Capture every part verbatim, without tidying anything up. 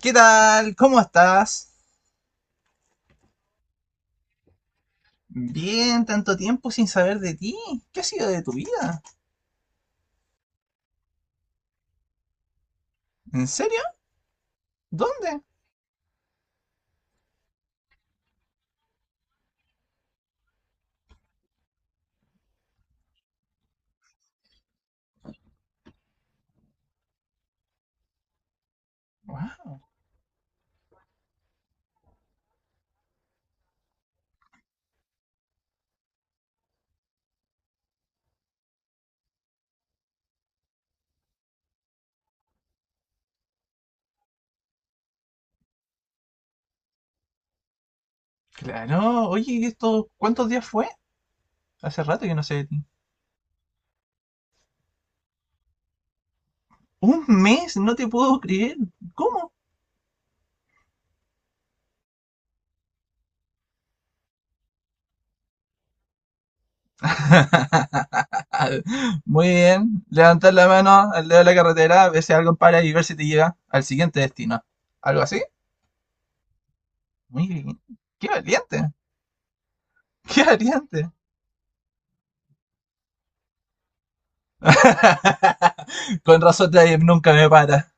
¿Qué tal? ¿Cómo estás? Bien, tanto tiempo sin saber de ti. ¿Qué ha sido de tu vida? ¿En serio? ¿Dónde? Wow, claro. Oye, ¿y esto cuántos días fue? Hace rato que no sé de ti. Un mes, no te puedo creer. ¿Cómo? Muy bien. Levantar la mano al lado de la carretera, ver si algo para y ver si te llega al siguiente destino. ¿Algo así? Muy bien. Qué valiente. Qué valiente. Con razón, nadie nunca me para.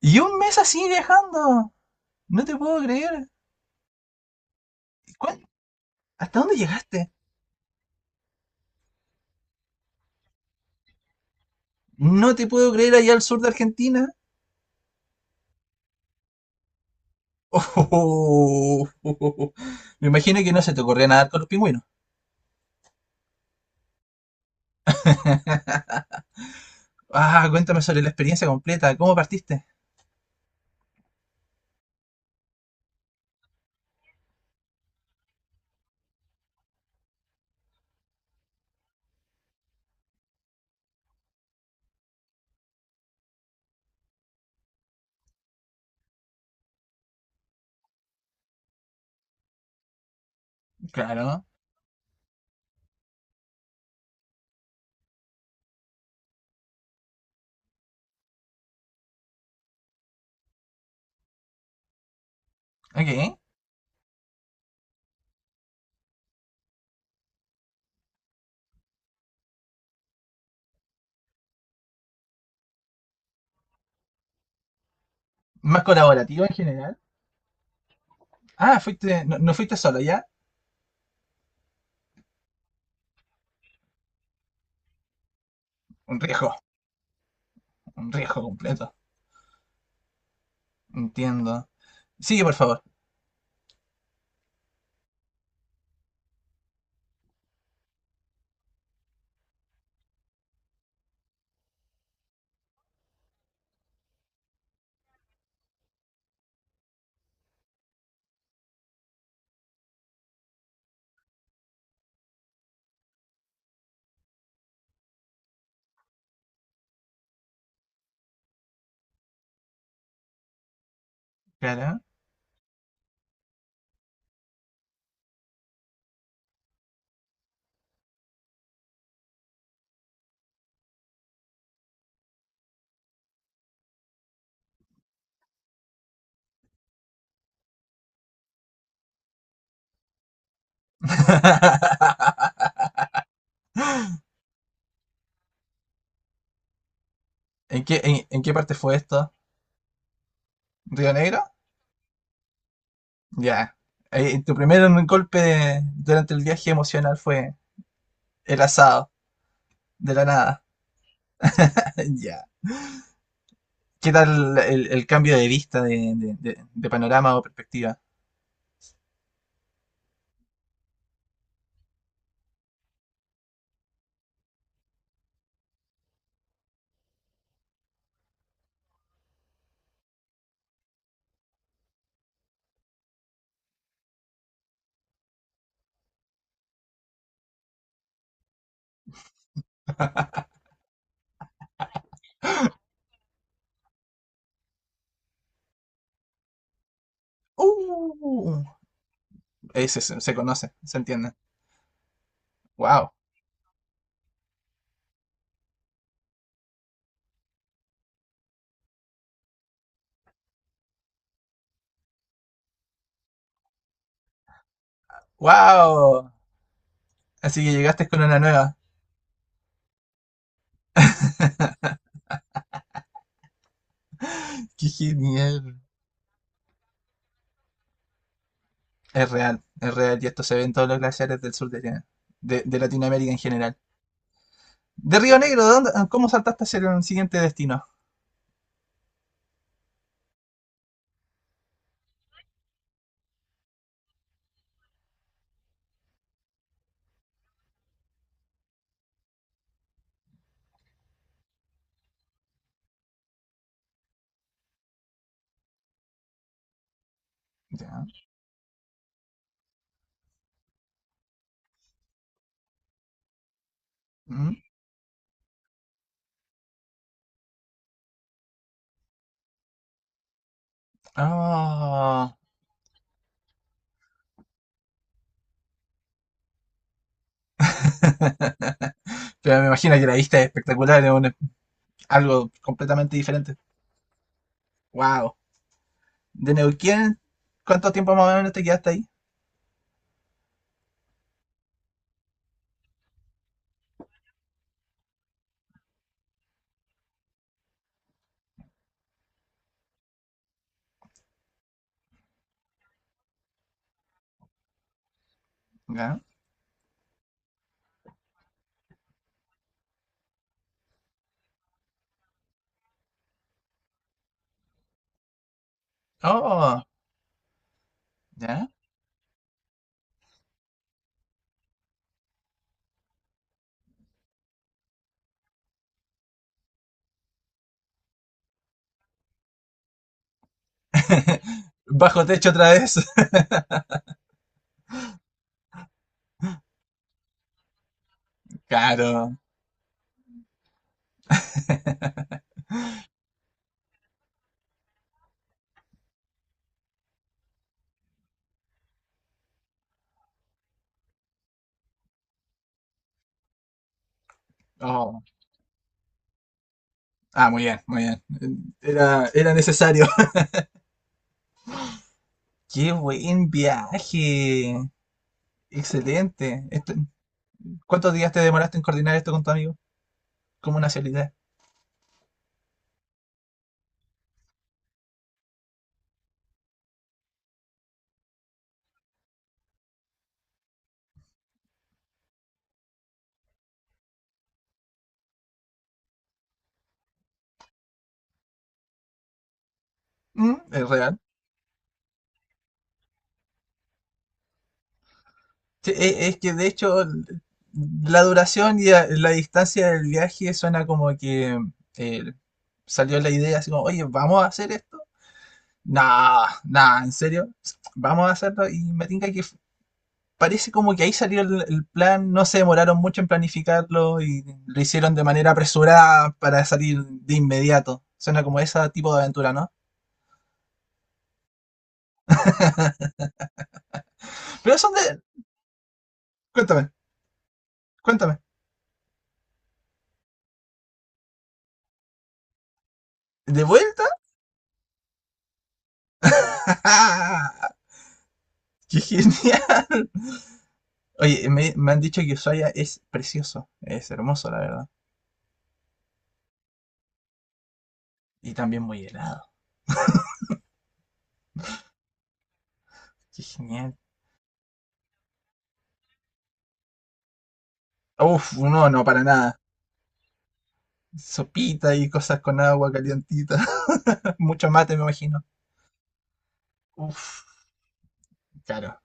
Y un mes así viajando. No te puedo creer. ¿Cuál- ¿Hasta dónde llegaste? No te puedo creer allá al sur de Argentina. Me imagino que no se te ocurría nadar con los pingüinos. Ah, cuéntame sobre la experiencia completa. ¿Cómo partiste? Claro. Ok. Más colaborativo en general. Ah, fuiste, no, no fuiste solo, ¿ya? Un riesgo. Un riesgo completo. Entiendo. Sigue, por favor. Claro. ¿En qué, en en qué parte fue esto? ¿Río Negro? Ya. Eh, tu primer golpe de- durante el viaje emocional fue el asado, de la nada. Ya. ¿Qué tal el, el cambio de vista de, de- de- de panorama o perspectiva? Uh, ese se, se conoce, se entiende. Wow. Wow. Así que llegaste con una nueva. Qué genial. Es real, es real. Y esto se ve en todos los glaciares del sur de, de- de Latinoamérica en general. De Río Negro, ¿dónde- ¿cómo saltaste hacia el siguiente destino? Ya. Mm. Ah. Pero me imagino que la vista es espectacular, es un- algo completamente diferente. Wow. ¿De Neuquén? ¿Cuánto tiempo más o menos te quedaste ahí? Ya. Oh, ya. Bajo techo otra vez. Claro. Oh. Ah, muy bien, muy bien. Era, era necesario. Qué buen viaje. Excelente. Esto- ¿cuántos días te demoraste en coordinar esto con tu amigo? ¿Cómo nacionalidad? Mm, es real. Sí, e- es que de hecho la duración y a- la distancia del viaje suena como que eh, salió la idea así como, oye, ¿vamos a hacer esto? Nah, nah, ¿en serio? Vamos a hacerlo y me tinca que f- parece como que ahí salió el, el plan, no se demoraron mucho en planificarlo y lo hicieron de manera apresurada para salir de inmediato. Suena como ese tipo de aventura, ¿no? Pero son de... Cuéntame, cuéntame. ¿De vuelta? ¡Ah! ¡Qué genial! Oye, me, me han dicho que Ushuaia es precioso, es hermoso, la verdad. Y también muy helado. Qué genial. Uf, no, no, para nada. Sopita y cosas con agua calientita. Mucho mate, me imagino. Uf, claro.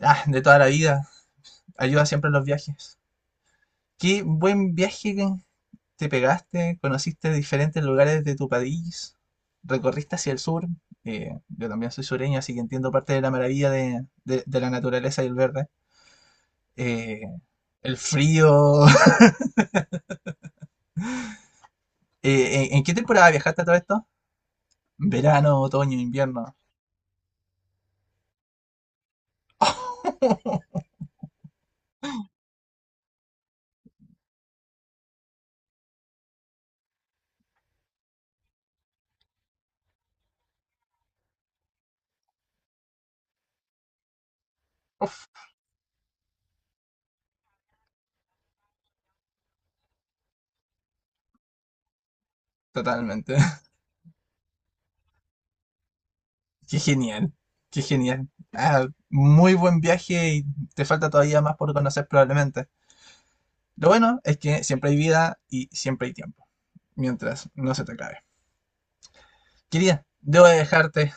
Ah, de toda la vida. Ayuda siempre en los viajes. Qué buen viaje que te pegaste. Conociste diferentes lugares de tu país. Recorriste hacia el sur. Eh, yo también soy sureño, así que entiendo parte de la maravilla de, de- de la naturaleza y el verde. Eh, el frío. Eh, ¿en, en qué temporada viajaste a todo esto? Verano, otoño, invierno. Totalmente. Qué genial. Qué genial. Ah, muy buen viaje y te falta todavía más por conocer probablemente. Lo bueno es que siempre hay vida y siempre hay tiempo. Mientras no se te acabe. Querida, debo de dejarte.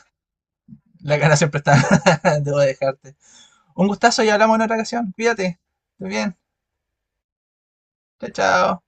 La cara siempre está. Debo de dejarte. Un gustazo y hablamos en otra ocasión. Cuídate. Estés bien. Chao, chao.